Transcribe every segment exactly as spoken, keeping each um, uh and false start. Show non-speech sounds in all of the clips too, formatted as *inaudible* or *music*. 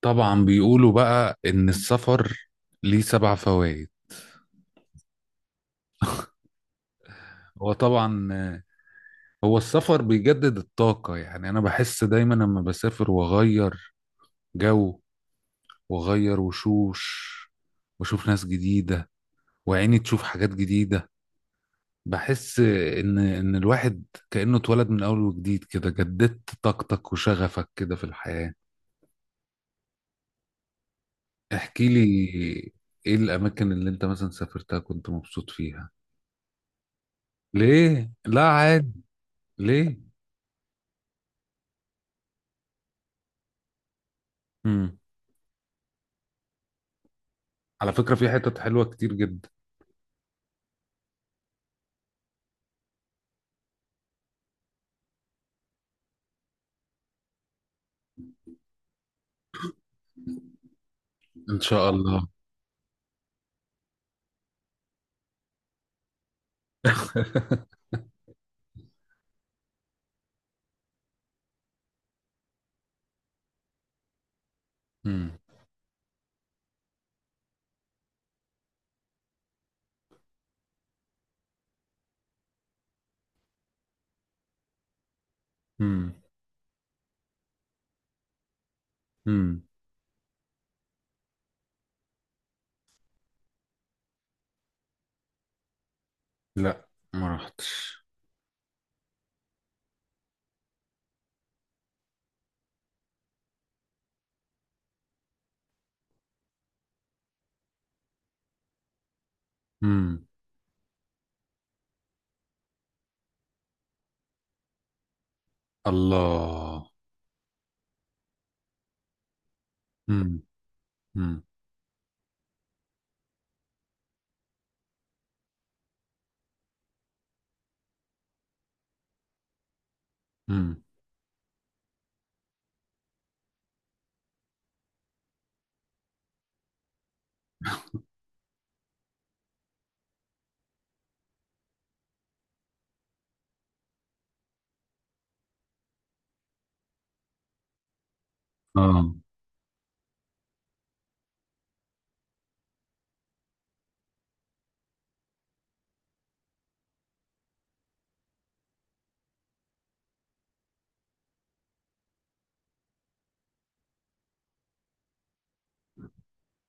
طبعا بيقولوا بقى ان السفر ليه سبع فوائد. هو طبعا، آه، هو السفر بيجدد الطاقة. يعني انا بحس دايما لما بسافر واغير جو، واغير وشوش، واشوف ناس جديدة، وعيني تشوف حاجات جديدة، بحس ان ان الواحد كأنه اتولد من اول وجديد، كده جددت طاقتك وشغفك كده في الحياة. احكي لي، ايه الاماكن اللي انت مثلا سافرتها كنت مبسوط فيها؟ ليه، لا عادي. ليه؟ مم. على فكرة في حتت حلوة كتير جدا. ان شاء الله. امم. امم. امم. لا، ما رحتش. امم. الله. امم. امم. امم. اه.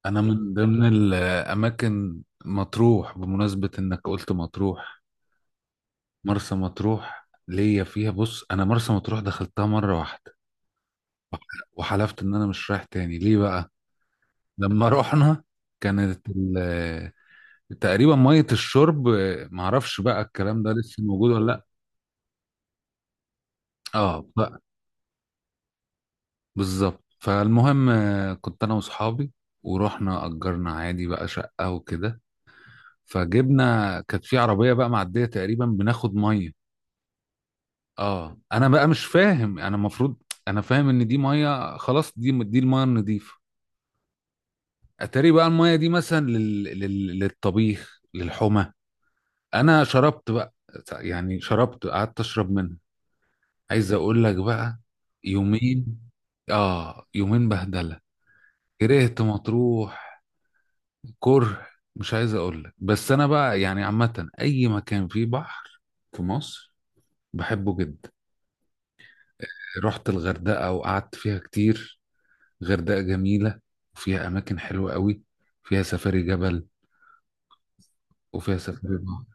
انا من ضمن الاماكن مطروح، بمناسبة انك قلت مطروح. مرسى مطروح ليا فيها، بص، انا مرسى مطروح دخلتها مرة واحدة وح- وحلفت ان انا مش رايح تاني. ليه بقى؟ لما رحنا كانت ال- تقريبا مية الشرب، معرفش بقى الكلام ده لسه موجود ولا. اه بقى. بالظبط. فالمهم، آه، كنت انا واصحابي ورحنا اجرنا عادي بقى شقه وكده. فجبنا، كانت في عربيه بقى معديه تقريبا، بناخد ميه. اه، انا بقى مش فاهم، انا المفروض انا فاهم ان دي ميه خلاص، دي دي الميه النظيفه. اتاري بقى الميه دي مثلا لل... لل... للطبيخ، للحمى. انا شربت بقى، يعني شربت قعدت اشرب منها. عايز اقول لك بقى، يومين. اه، يومين بهدله. كرهت مطروح. كره. مش عايز اقول لك. بس انا بقى يعني عامه، اي مكان فيه بحر في مصر بحبه جدا. رحت الغردقه وقعدت فيها كتير. غردقه جميله وفيها اماكن حلوه قوي. فيها سفاري جبل وفيها سفاري بحر.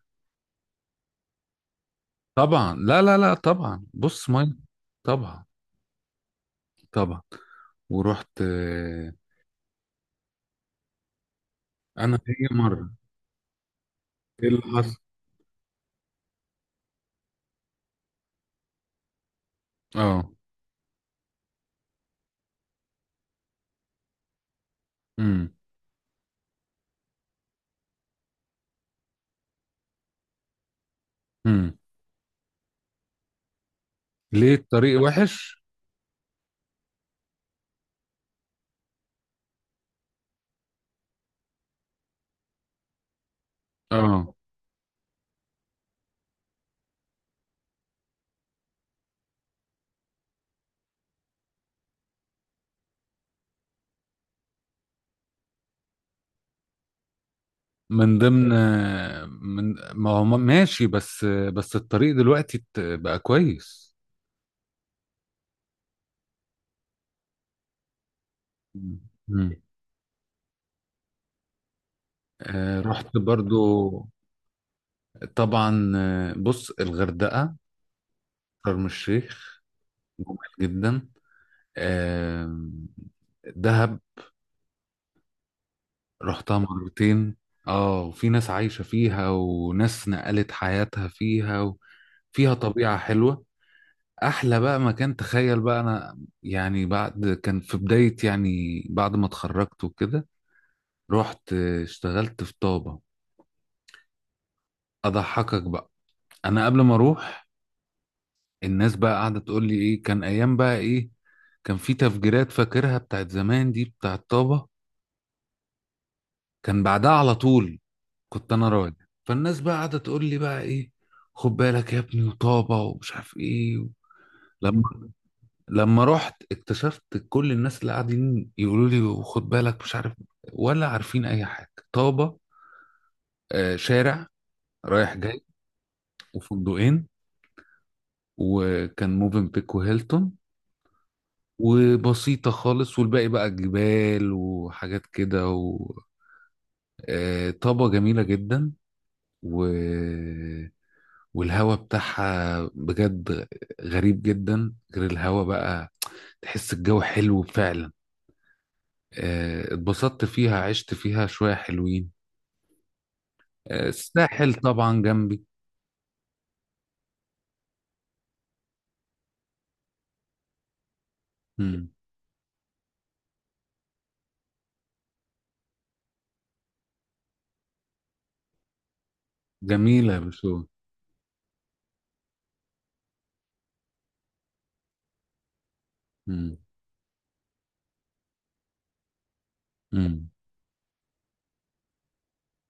طبعا، لا لا لا، طبعا بص، ميه. طبعا. طبعا. ورحت، آه، انا هي مره. ايه اللي حصل؟ اه. امم. امم. ليه، الطريق وحش؟ اه. من ضمن. من، ما هو ماشي، بس بس الطريق دلوقتي ات- بقى كويس. مم. آه، رحت برضو، طبعا. آه، بص، الغردقة، شرم الشيخ، جميل جدا. آه، دهب، رحتها مرتين. اه، وفي ناس عايشة فيها وناس نقلت حياتها فيها، وفيها طبيعة حلوة. احلى بقى مكان، تخيل بقى، انا يعني بعد كان في بداية، يعني بعد ما اتخرجت وكده رحت اشتغلت في طابة. اضحكك بقى. انا قبل ما اروح، الناس بقى قاعدة تقول لي ايه، كان ايام بقى ايه. كان في تفجيرات، فاكرها بتاعت زمان دي، بتاعت طابة، كان بعدها على طول. كنت انا راجع، فالناس بقى قاعدة تقول لي بقى ايه، خد بالك يا ابني، وطابة ومش عارف ايه و... لما لما رحت اكتشفت كل الناس اللي قاعدين يقولوا لي خد بالك، مش عارف، ولا عارفين اي حاجة. طابة، آه، شارع رايح جاي، وفندقين، وكان موفنبيك وهيلتون، وبسيطة خالص، والباقي بقى جبال وحاجات كده. وطابة جميلة جدا و... والهوا بتاعها بجد غريب جدا. غير الهوا بقى، تحس الجو حلو فعلا. آه، اتبسطت فيها، عشت فيها شوية حلوين. آه، الساحل طبعا جنبي. مم. جميلة بشو. مم. مم.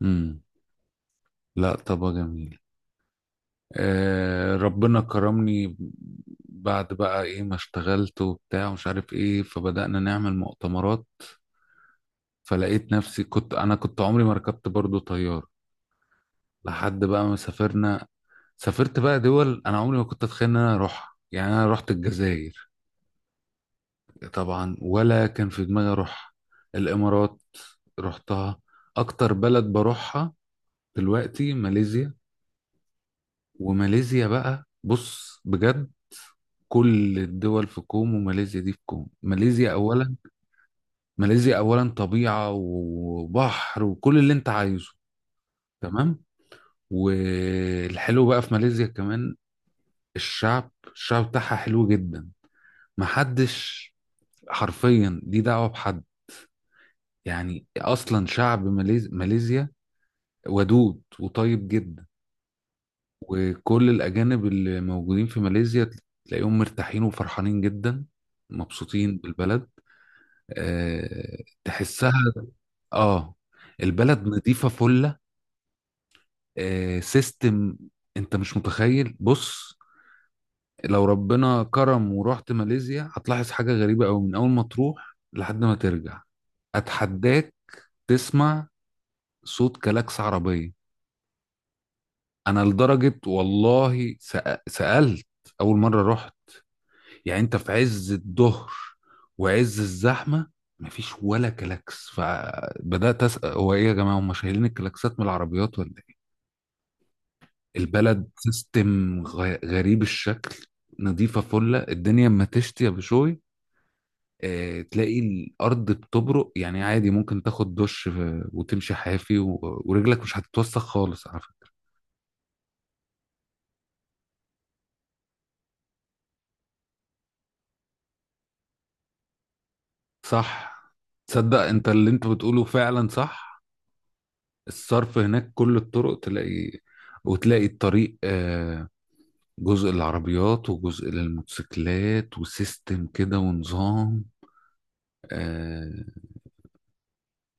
مم. لا، طابة جميلة. آه، ربنا كرمني. بعد بقى ايه، ما اشتغلت وبتاع ومش عارف ايه، فبدأنا نعمل مؤتمرات. فلقيت نفسي، كنت انا كنت عمري ما ركبت برضو طيار لحد بقى ما سافرنا. سافرت بقى دول انا عمري ما كنت اتخيل ان انا اروحها. يعني انا رحت الجزائر، طبعا ولا كان في دماغي اروح. الامارات رحتها. اكتر بلد بروحها دلوقتي ماليزيا. وماليزيا بقى، بص بجد، كل الدول في كوم وماليزيا دي في كوم. ماليزيا اولا. ماليزيا اولا طبيعة وبحر وكل اللي انت عايزه، تمام. والحلو بقى في ماليزيا كمان، الشعب الشعب بتاعها حلو جدا. محدش، حرفيا دي دعوة بحد، يعني اصلا شعب ماليز... ماليزيا ودود وطيب جدا. وكل الأجانب اللي موجودين في ماليزيا تلاقيهم مرتاحين وفرحانين جدا، مبسوطين بالبلد. أه، تحسها. اه. البلد نظيفة فلة. أه، سيستم. انت مش متخيل، بص، لو ربنا كرم ورحت ماليزيا هتلاحظ حاجة غريبة أوي من أول ما تروح لحد ما ترجع. أتحداك تسمع صوت كلاكس عربية. أنا لدرجة، والله، سأ- سألت أول مرة رحت. يعني انت في عز الظهر وعز الزحمه، مفيش ولا كلاكس. فبدات اسال، هو ايه يا جماعه، هم شايلين الكلاكسات من العربيات ولا ايه. البلد سيستم غ- غريب الشكل. نظيفه فله الدنيا، اما تشتي يا بشوي اه، تلاقي الارض بتبرق. يعني عادي ممكن تاخد دش اه، وتمشي حافي و- ورجلك مش هتتوسخ خالص على فكره. صح. تصدق انت اللي انت بتقوله فعلا صح. الصرف هناك كل الطرق تلاقي، وتلاقي الطريق آه، جزء للعربيات وجزء للموتوسيكلات، وسيستم كده ونظام. آه،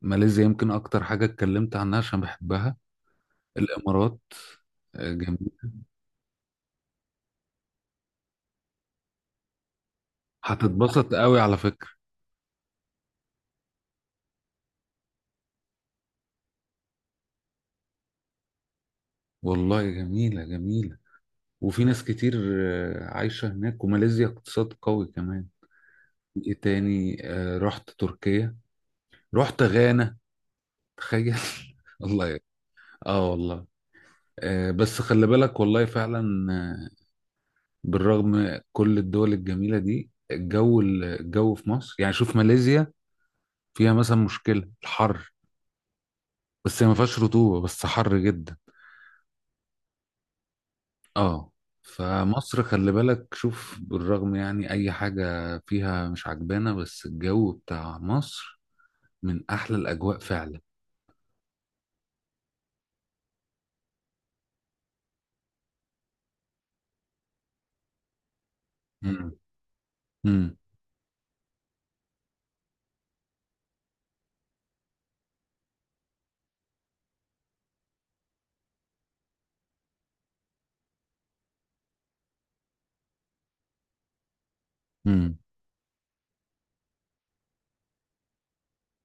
ماليزيا يمكن أكتر حاجة اتكلمت عنها عشان بحبها. الإمارات آه، جميل. هتتبسط قوي على فكرة. والله جميلة جميلة. وفي ناس كتير آه، عايشة هناك، وماليزيا اقتصاد قوي كمان. إيه تاني؟ آه، رحت تركيا، رحت غانا. تخيل. *laughs* الله يك- اه والله. آه، بس خلي بالك، والله فعلا آه، بالرغم كل الدول الجميلة دي، الجو الجو في مصر، يعني شوف ماليزيا فيها مثلا مشكلة الحر، بس هي ما فيهاش رطوبة، بس حر جدا. اه. فمصر خلي بالك، شوف، بالرغم يعني اي حاجة فيها مش عجبانة، بس الجو بتاع مصر من احلى الاجواء فعلا. مم. مم. مم.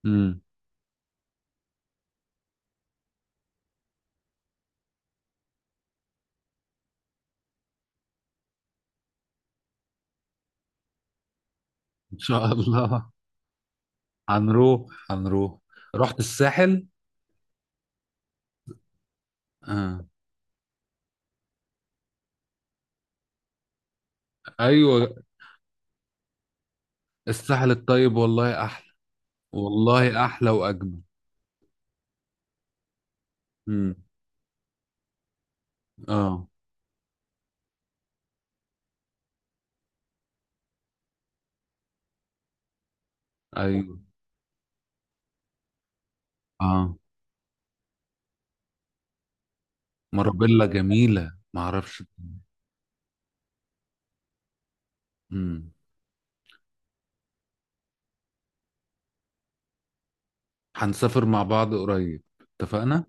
مم. ان شاء الله. هنروح هنروح. رحت الساحل. آه. ايوه، الساحل الطيب، والله احلى، والله احلى واجمل. امم. اه. ايوه. اه، مارابيلا جميله، ما اعرفش. امم. هنسافر مع بعض قريب. اتفقنا.